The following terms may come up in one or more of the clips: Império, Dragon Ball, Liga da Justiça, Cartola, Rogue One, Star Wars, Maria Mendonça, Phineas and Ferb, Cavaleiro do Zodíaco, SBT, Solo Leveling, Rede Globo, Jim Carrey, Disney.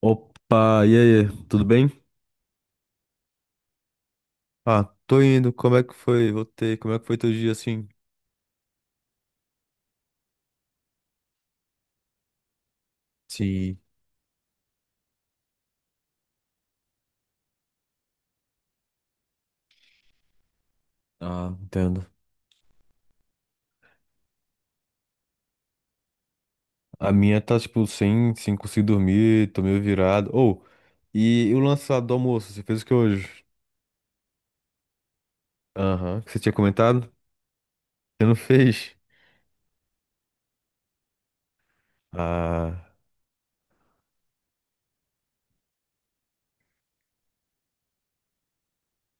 Opa, e aí, tudo bem? Ah, tô indo, como é que foi? Voltei, como é que foi teu dia assim? Sim, ah, entendo. A minha tá, tipo, sem conseguir dormir, tô meio virado. Ou, e o lançado do almoço, você fez o que hoje? Aham, que você tinha comentado? Você não fez? Ah,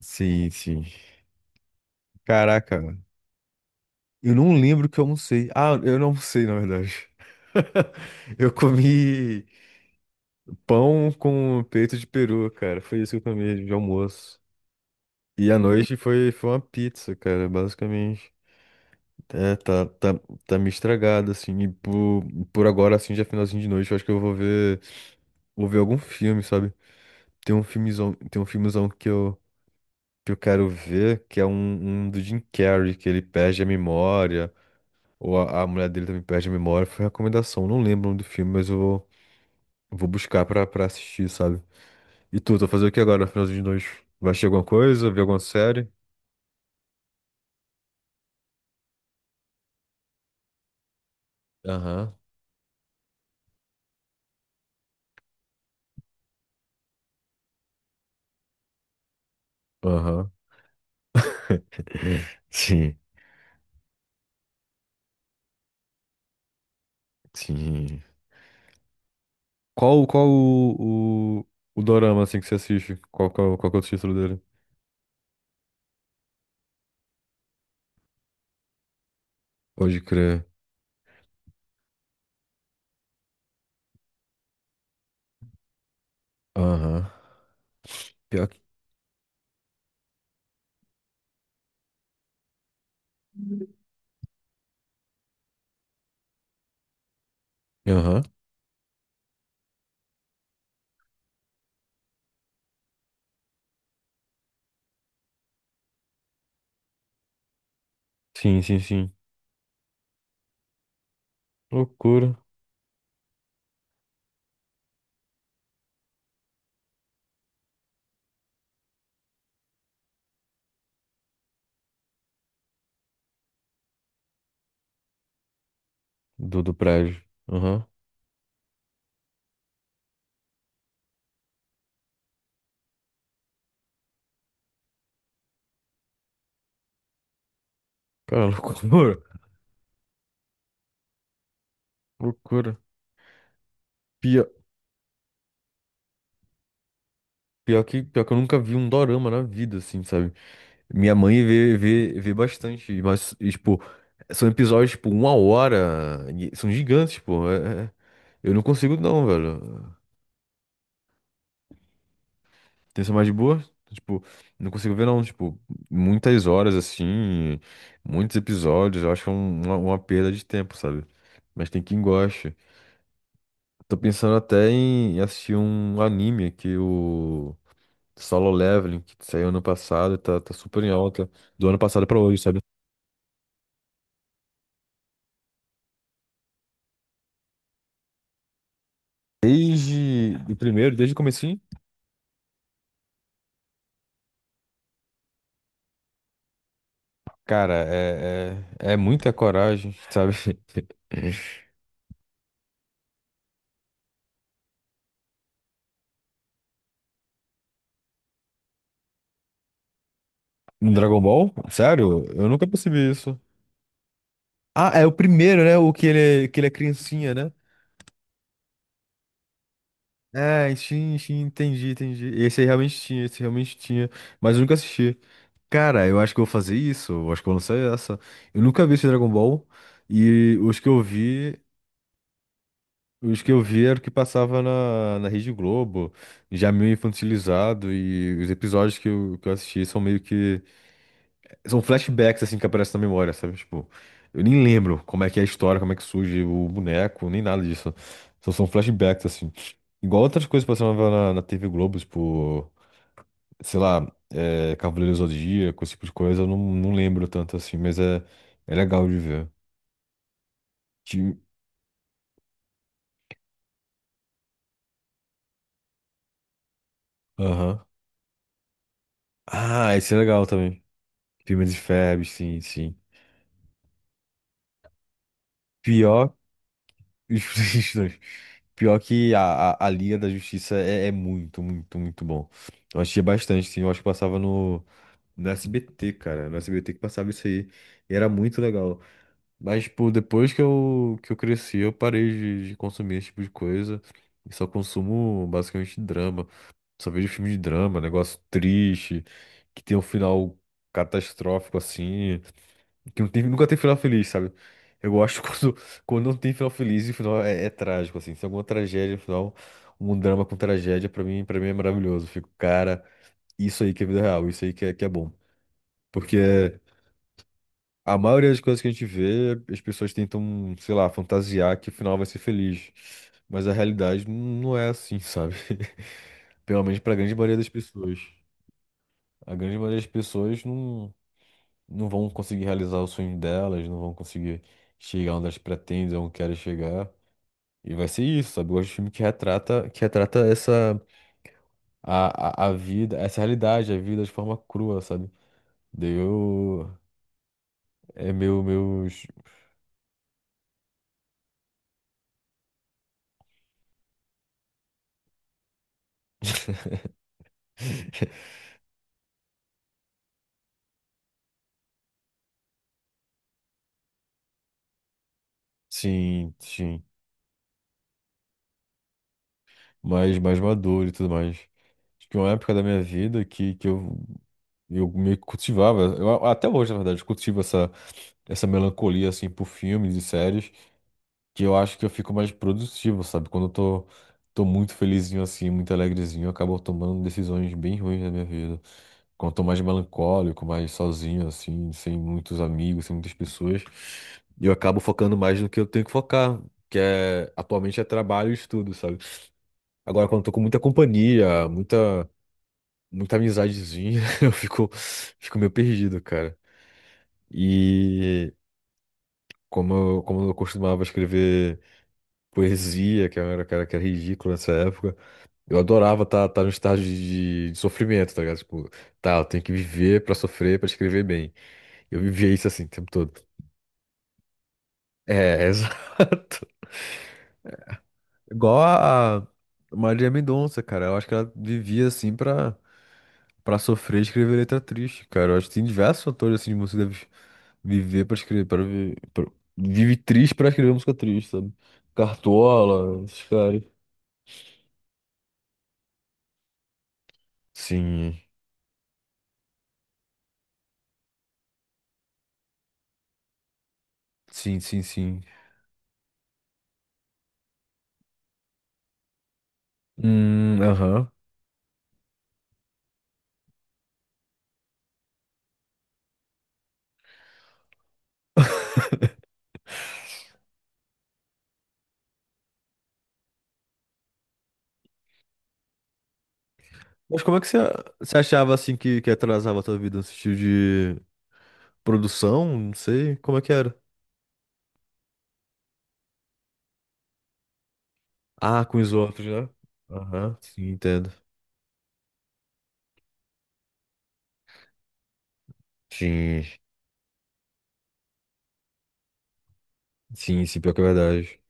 sim, sim. Caraca, mano. Eu não lembro o que eu almocei. Ah, eu não almocei, na verdade. Eu comi pão com peito de peru, cara. Foi isso que eu comi de almoço. E a noite foi uma pizza, cara, basicamente. É, tá, tá, tá me estragado, assim. Por agora, assim, já é finalzinho de noite, eu acho que vou ver algum filme, sabe? Tem um filmezão que eu quero ver, que é um do Jim Carrey, que ele perde a memória, ou a mulher dele também perde a memória. Foi recomendação, não lembro o nome do filme, mas vou buscar pra assistir, sabe? E tu vai fazer o que agora, finalzinho de noite? Vai assistir alguma coisa, ver alguma série? Aham, aham. Sim, sim. Qual, qual o, o, o dorama, assim, que você assiste? Qual que é o título dele? Pode crer. Aham. Pior... que... Aham. Sim, sim, sim. Loucura do prédio. Aham. Cara, loucura. Loucura. Pior, pior que eu nunca vi um dorama na vida, assim, sabe? Minha mãe vê bastante, mas, e, tipo, são episódios, tipo, uma hora. E são gigantes, pô. É. Eu não consigo, não, velho. Tensão mais de boa? Tipo, não consigo ver não, tipo, muitas horas assim, muitos episódios, eu acho é uma perda de tempo, sabe? Mas tem quem goste. Tô pensando até em assistir um anime que o Solo Leveling, que saiu ano passado, tá super em alta, do ano passado pra hoje, sabe? Desde o primeiro, desde o comecinho, cara, é muita coragem, sabe? No Dragon Ball? Sério? Eu nunca percebi isso. Ah, é o primeiro, né? O que ele é criancinha, né? É, sim, sim, entendi, entendi. Esse aí realmente tinha, esse realmente tinha, mas eu nunca assisti. Cara, eu acho que eu vou fazer isso, eu acho que eu vou lançar essa. Eu nunca vi esse Dragon Ball e os que eu vi era o que passava na, na Rede Globo, já meio infantilizado e os episódios que eu assisti são meio que são flashbacks, assim, que aparecem na memória, sabe? Tipo, eu nem lembro como é que é a história, como é que surge o boneco, nem nada disso. Só são flashbacks, assim. Igual outras coisas passavam na, na TV Globo, tipo, sei lá, é, Cavaleiro do Zodíaco, esse tipo de coisa, eu não, não lembro tanto, assim, mas é, é legal de ver. Ti- aham. Ah, esse é legal também. Firmas e Ferb, sim, sim. Pior. Os dois. Pior que a Liga da Justiça é, muito bom. Eu assistia bastante, sim. Eu acho que passava no SBT, cara. No SBT que passava isso aí. E era muito legal. Mas, tipo, depois que que eu cresci, eu parei de consumir esse tipo de coisa. E só consumo basicamente drama. Só vejo filme de drama, negócio triste, que tem um final catastrófico assim. Que não tem, nunca tem final feliz, sabe? Eu gosto quando, quando não tem final feliz e o final é, é trágico, assim. Se tem alguma tragédia no final, um drama com tragédia, pra mim é maravilhoso. Eu fico, cara, isso aí que é vida real, isso aí que é bom. Porque a maioria das coisas que a gente vê, as pessoas tentam, sei lá, fantasiar que o final vai ser feliz. Mas a realidade não é assim, sabe? Pelo menos pra grande maioria das pessoas. A grande maioria das pessoas não. Não vão conseguir realizar o sonho delas, não vão conseguir chegar onde elas pretendem, onde querem chegar. E vai ser isso, sabe? Eu gosto de filme que retrata essa a vida, essa realidade, a vida de forma crua, sabe? Daí eu é meu meus sim, sim, mais maduro e tudo mais. Acho que uma época da minha vida que eu meio que cultivava, eu a- até hoje, na verdade, cultivo essa melancolia, assim, por filmes e séries. Que eu acho que eu fico mais produtivo, sabe? Quando tô muito felizinho assim, muito alegrezinho, eu acabo tomando decisões bem ruins na minha vida. Quando eu tô mais melancólico, mais sozinho, assim, sem muitos amigos, sem muitas pessoas, eu acabo focando mais no que eu tenho que focar, que é atualmente é trabalho e estudo, sabe? Agora, quando eu tô com muita companhia, muita amizadezinha, eu fico, fico meio perdido, cara. E como eu costumava escrever poesia, que era, cara, que era ridículo nessa época. Eu adorava estar tá no estágio de sofrimento, tá ligado? Tipo, tá, eu tenho que viver pra sofrer, pra escrever bem. Eu vivia isso assim o tempo todo. É, exato. Igual a Maria Mendonça, cara. Eu acho que ela vivia assim pra sofrer e escrever letra triste, cara. Eu acho que tem diversos fatores assim de você deve viver pra escrever, para viver. Pra... Vive triste pra escrever música triste, sabe? Cartola, esses caras. Sim, sim, sim, sim. Aham. Mas como é que você achava assim que atrasava a tua vida no sentido de produção? Não sei, como é que era? Ah, com os outros, né? Aham, sim, entendo. Sim, sim, sim, pior que é verdade.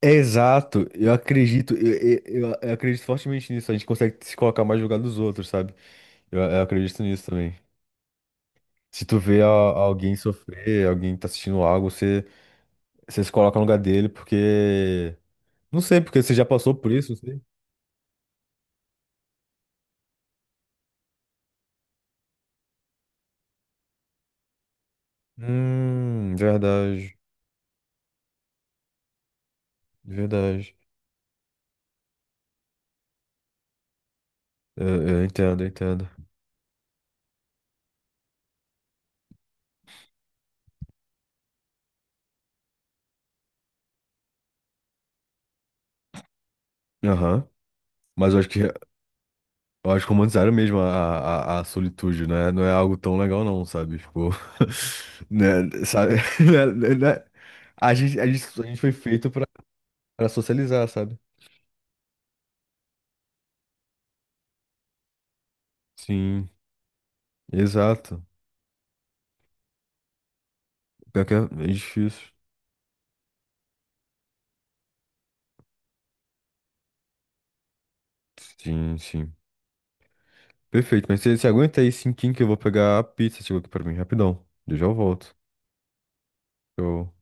Exato, eu acredito fortemente nisso. A gente consegue se colocar mais no lugar dos outros, sabe? Eu acredito nisso também. Se tu vê alguém sofrer, alguém tá assistindo algo, você se coloca no lugar dele, porque. Não sei, porque você já passou por isso. Verdade, verdade. Eu entendo, eu entendo. Aham. Eu acho que romantizaram mesmo a solitude, né? Não é algo tão legal não, sabe? Tipo, né? Sabe? Né? Né? Né? A gente foi feito pra, pra socializar, sabe? Sim, exato. Pior que é é difícil. Sim, sim. Perfeito, mas você aguenta aí cinquinho que eu vou pegar a pizza, chegou aqui pra mim, rapidão. Eu já volto. Eu...